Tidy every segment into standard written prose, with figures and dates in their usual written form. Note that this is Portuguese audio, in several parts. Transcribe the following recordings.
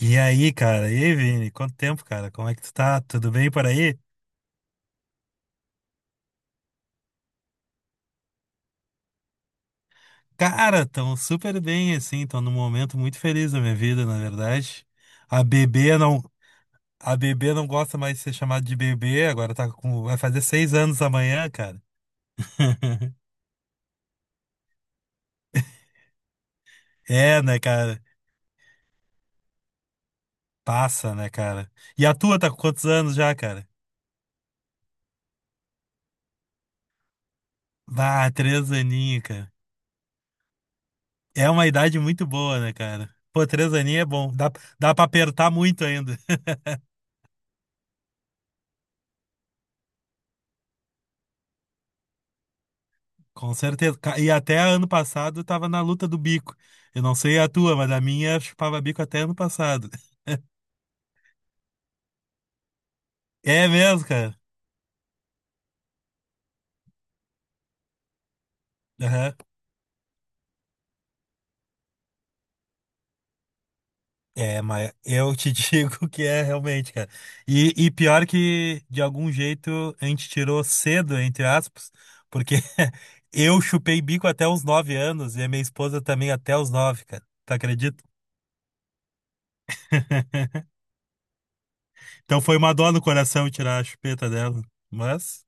E aí, cara? E aí, Vini? Quanto tempo, cara? Como é que tu tá? Tudo bem por aí? Cara, tão super bem, assim. Tô num momento muito feliz da minha vida, na verdade. A bebê não, a bebê não gosta mais de ser chamada de bebê, agora tá com, vai fazer seis anos amanhã, cara. É, né, cara? Passa, né, cara? E a tua tá com quantos anos já, cara? Ah, três aninhos, cara. É uma idade muito boa, né, cara? Pô, três aninhos é bom. Dá, dá pra apertar muito ainda. Com certeza. E até ano passado tava na luta do bico. Eu não sei a tua, mas a minha chupava bico até ano passado. É mesmo, cara? Aham. É, mas eu te digo que é realmente, cara. E pior que, de algum jeito, a gente tirou cedo, entre aspas, porque eu chupei bico até os nove anos e a minha esposa também até os nove, cara. Tu acredita? Então foi uma dor no coração tirar a chupeta dela. Mas,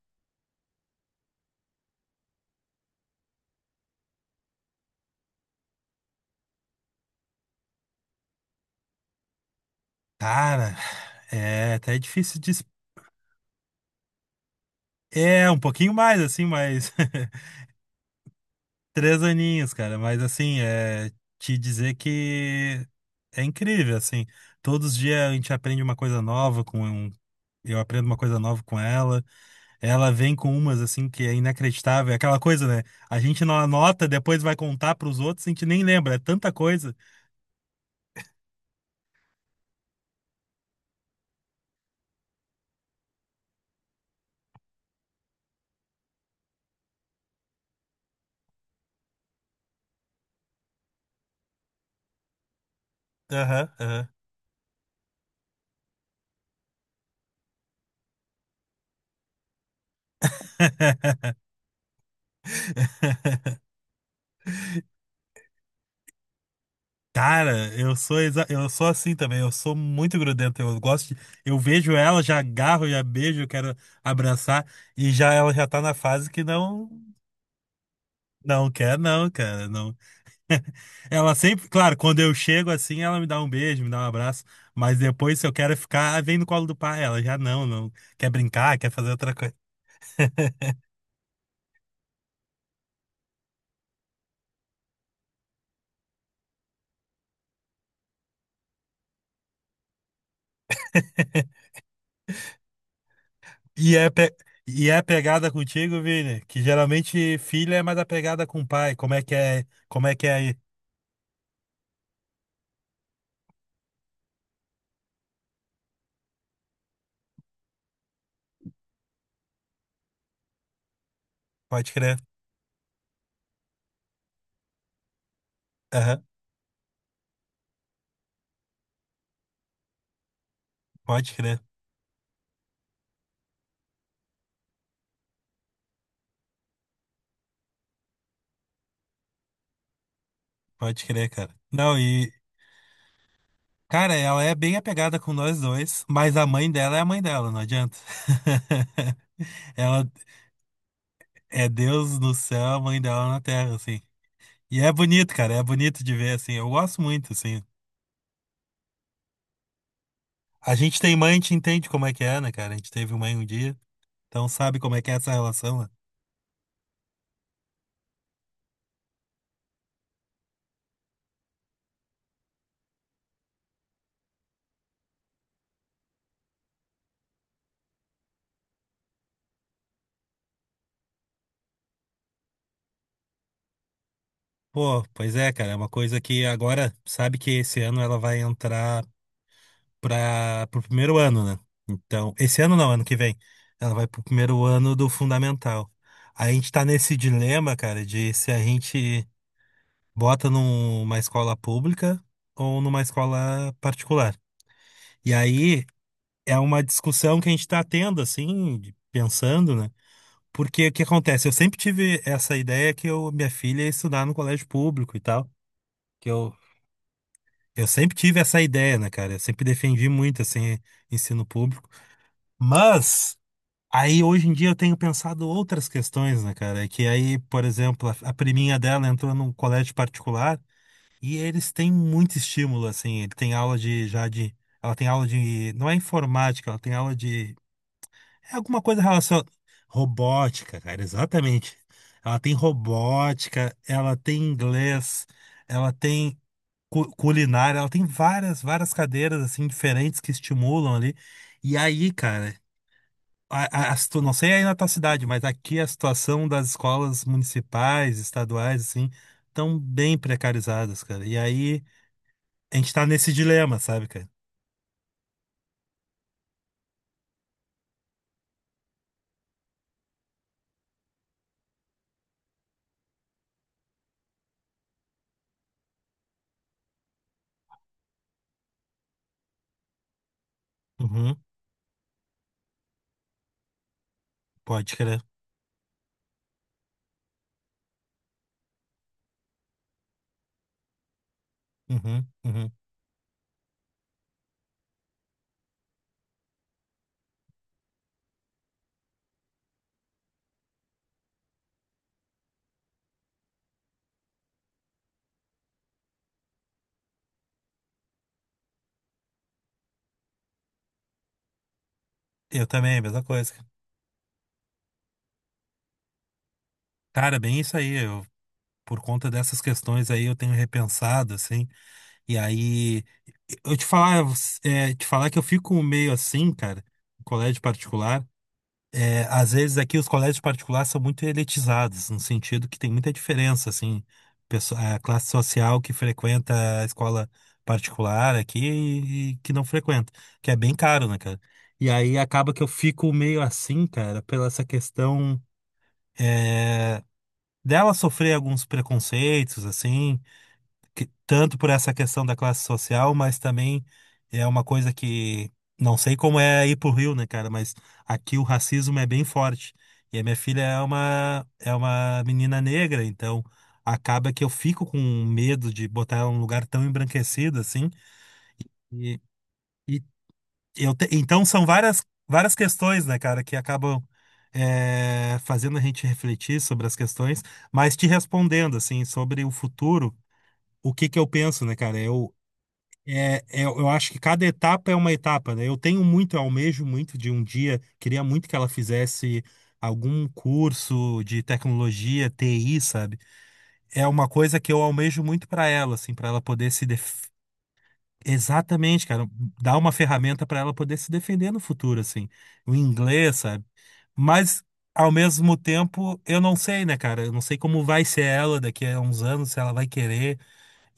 cara, é até difícil de… É, um pouquinho mais, assim, mas… Três aninhos, cara. Mas, assim, é… Te dizer que é incrível, assim. Todos os dias a gente aprende uma coisa nova Eu aprendo uma coisa nova com ela. Ela vem com umas, assim, que é inacreditável. É aquela coisa, né? A gente não anota, depois vai contar pros outros, a gente nem lembra. É tanta coisa. Aham, aham. Cara, eu sou assim também, eu sou muito grudento, eu vejo ela, já agarro, já beijo, eu quero abraçar e já ela já tá na fase que não quer não, cara, não. Ela sempre, claro, quando eu chego assim, ela me dá um beijo, me dá um abraço, mas depois se eu quero ficar, ah, vem no colo do pai, ela já não quer brincar, quer fazer outra coisa. E é pe- E é pegada contigo, Vini, que geralmente filha é mais apegada com o pai. Como é que é? Como é que é aí? Pode crer. Pode crer, pode crer, cara. Não, e, cara, ela é bem apegada com nós dois, mas a mãe dela é a mãe dela, não adianta. Ela é Deus no céu, a mãe dela na terra, assim. E é bonito, cara, é bonito de ver, assim. Eu gosto muito, assim. A gente tem mãe, a gente entende como é que é, né, cara? A gente teve mãe um dia, então sabe como é que é essa relação, né? Pô, pois é, cara, é uma coisa que agora, sabe que esse ano ela vai entrar para o primeiro ano, né? Então, esse ano não, ano que vem. Ela vai pro primeiro ano do fundamental. Aí a gente tá nesse dilema, cara, de se a gente bota numa escola pública ou numa escola particular. E aí é uma discussão que a gente tá tendo, assim, pensando, né? Porque o que acontece? Eu sempre tive essa ideia que eu, minha filha ia estudar no colégio público e tal. Que eu sempre tive essa ideia, né, cara? Eu sempre defendi muito, assim, ensino público. Mas… Aí hoje em dia eu tenho pensado outras questões, né, cara? É que aí, por exemplo, a priminha dela entrou num colégio particular e eles têm muito estímulo, assim. Ele tem aula de já de… Ela tem aula de… Não é informática, ela tem aula de… É alguma coisa relacionada. Robótica, cara, exatamente. Ela tem robótica, ela tem inglês, ela tem culinária, ela tem várias cadeiras, assim, diferentes que estimulam ali. E aí, cara. Não sei aí na tua cidade, mas aqui a situação das escolas municipais, estaduais, assim, estão bem precarizadas, cara. E aí a gente tá nesse dilema, sabe, cara? Uhum, pode crer. Uhum, uhum. Eu também, mesma coisa, cara. Bem isso aí. Eu, por conta dessas questões aí, eu tenho repensado, assim. E aí, eu te falar, é, te falar que eu fico meio assim, cara, em colégio particular. É, às vezes aqui os colégios particulares são muito elitizados, no sentido que tem muita diferença, assim, a classe social que frequenta a escola particular aqui e que não frequenta, que é bem caro, né, cara? E aí acaba que eu fico meio assim, cara, pela essa questão, é, dela sofrer alguns preconceitos, assim, que… tanto por essa questão da classe social, mas também é uma coisa que não sei como é aí pro Rio, né, cara, mas aqui o racismo é bem forte. E a minha filha é uma menina negra, então acaba que eu fico com medo de botar ela num lugar tão embranquecido assim. E, e então são várias questões, né, cara, que acabam é, fazendo a gente refletir sobre as questões, mas te respondendo assim sobre o futuro, o que que eu penso, né, cara? Eu acho que cada etapa é uma etapa, né? Eu tenho muito, eu almejo muito de um dia, queria muito que ela fizesse algum curso de tecnologia, TI, sabe? É uma coisa que eu almejo muito para ela, assim, para ela poder se def... Exatamente, cara, dar uma ferramenta para ela poder se defender no futuro, assim, o inglês, sabe? Mas ao mesmo tempo, eu não sei, né, cara? Eu não sei como vai ser ela daqui a uns anos, se ela vai querer.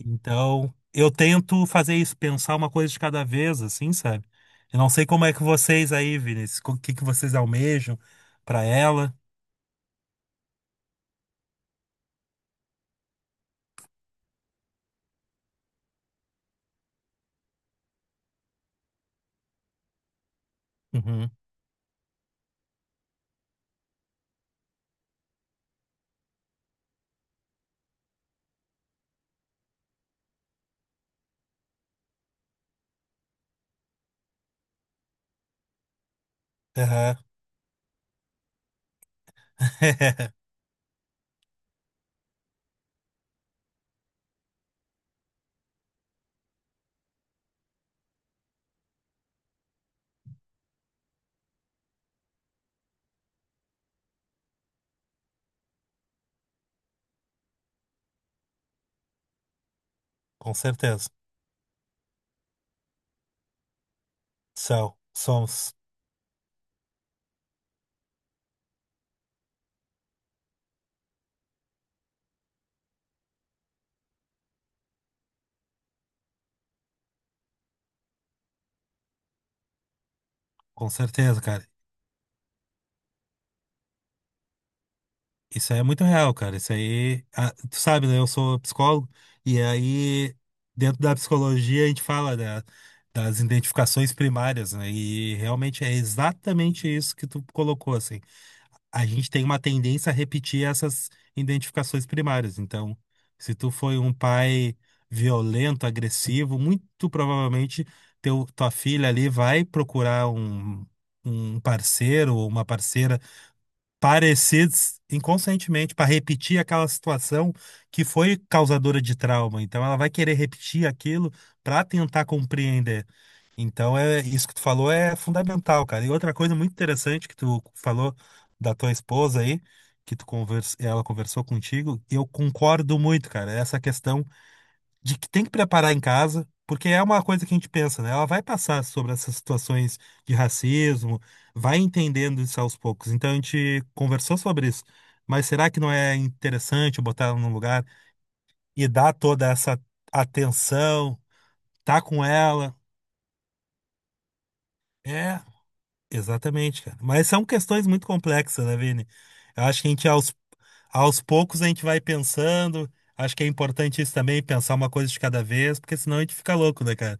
Então, eu tento fazer isso, pensar uma coisa de cada vez, assim, sabe? Eu não sei como é que vocês aí, Vinícius, o que que vocês almejam pra ela. Uhum. Aham. Com certeza. São, somos. Com certeza, cara. Isso aí é muito real, cara. Isso aí. Ah, tu sabe, né? Eu sou psicólogo, e aí, dentro da psicologia, a gente fala das identificações primárias, né? E realmente é exatamente isso que tu colocou, assim. A gente tem uma tendência a repetir essas identificações primárias. Então, se tu foi um pai violento, agressivo, muito provavelmente tua filha ali vai procurar um parceiro ou uma parceira parecidos inconscientemente para repetir aquela situação que foi causadora de trauma. Então ela vai querer repetir aquilo para tentar compreender. Então é isso que tu falou é fundamental, cara. E outra coisa muito interessante que tu falou da tua esposa aí, que tu convers... ela conversou contigo, eu concordo muito, cara. Essa questão de que tem que preparar em casa, porque é uma coisa que a gente pensa, né? Ela vai passar sobre essas situações de racismo, vai entendendo isso aos poucos. Então a gente conversou sobre isso. Mas será que não é interessante botar ela num lugar e dar toda essa atenção, tá com ela? É, exatamente, cara. Mas são questões muito complexas, né, Vini? Eu acho que a gente aos poucos a gente vai pensando. Acho que é importante isso também, pensar uma coisa de cada vez, porque senão a gente fica louco, né, cara?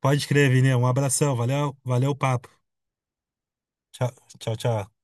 Pode crer, Vini. Um abração. Valeu, valeu o papo. Tchau, tchau.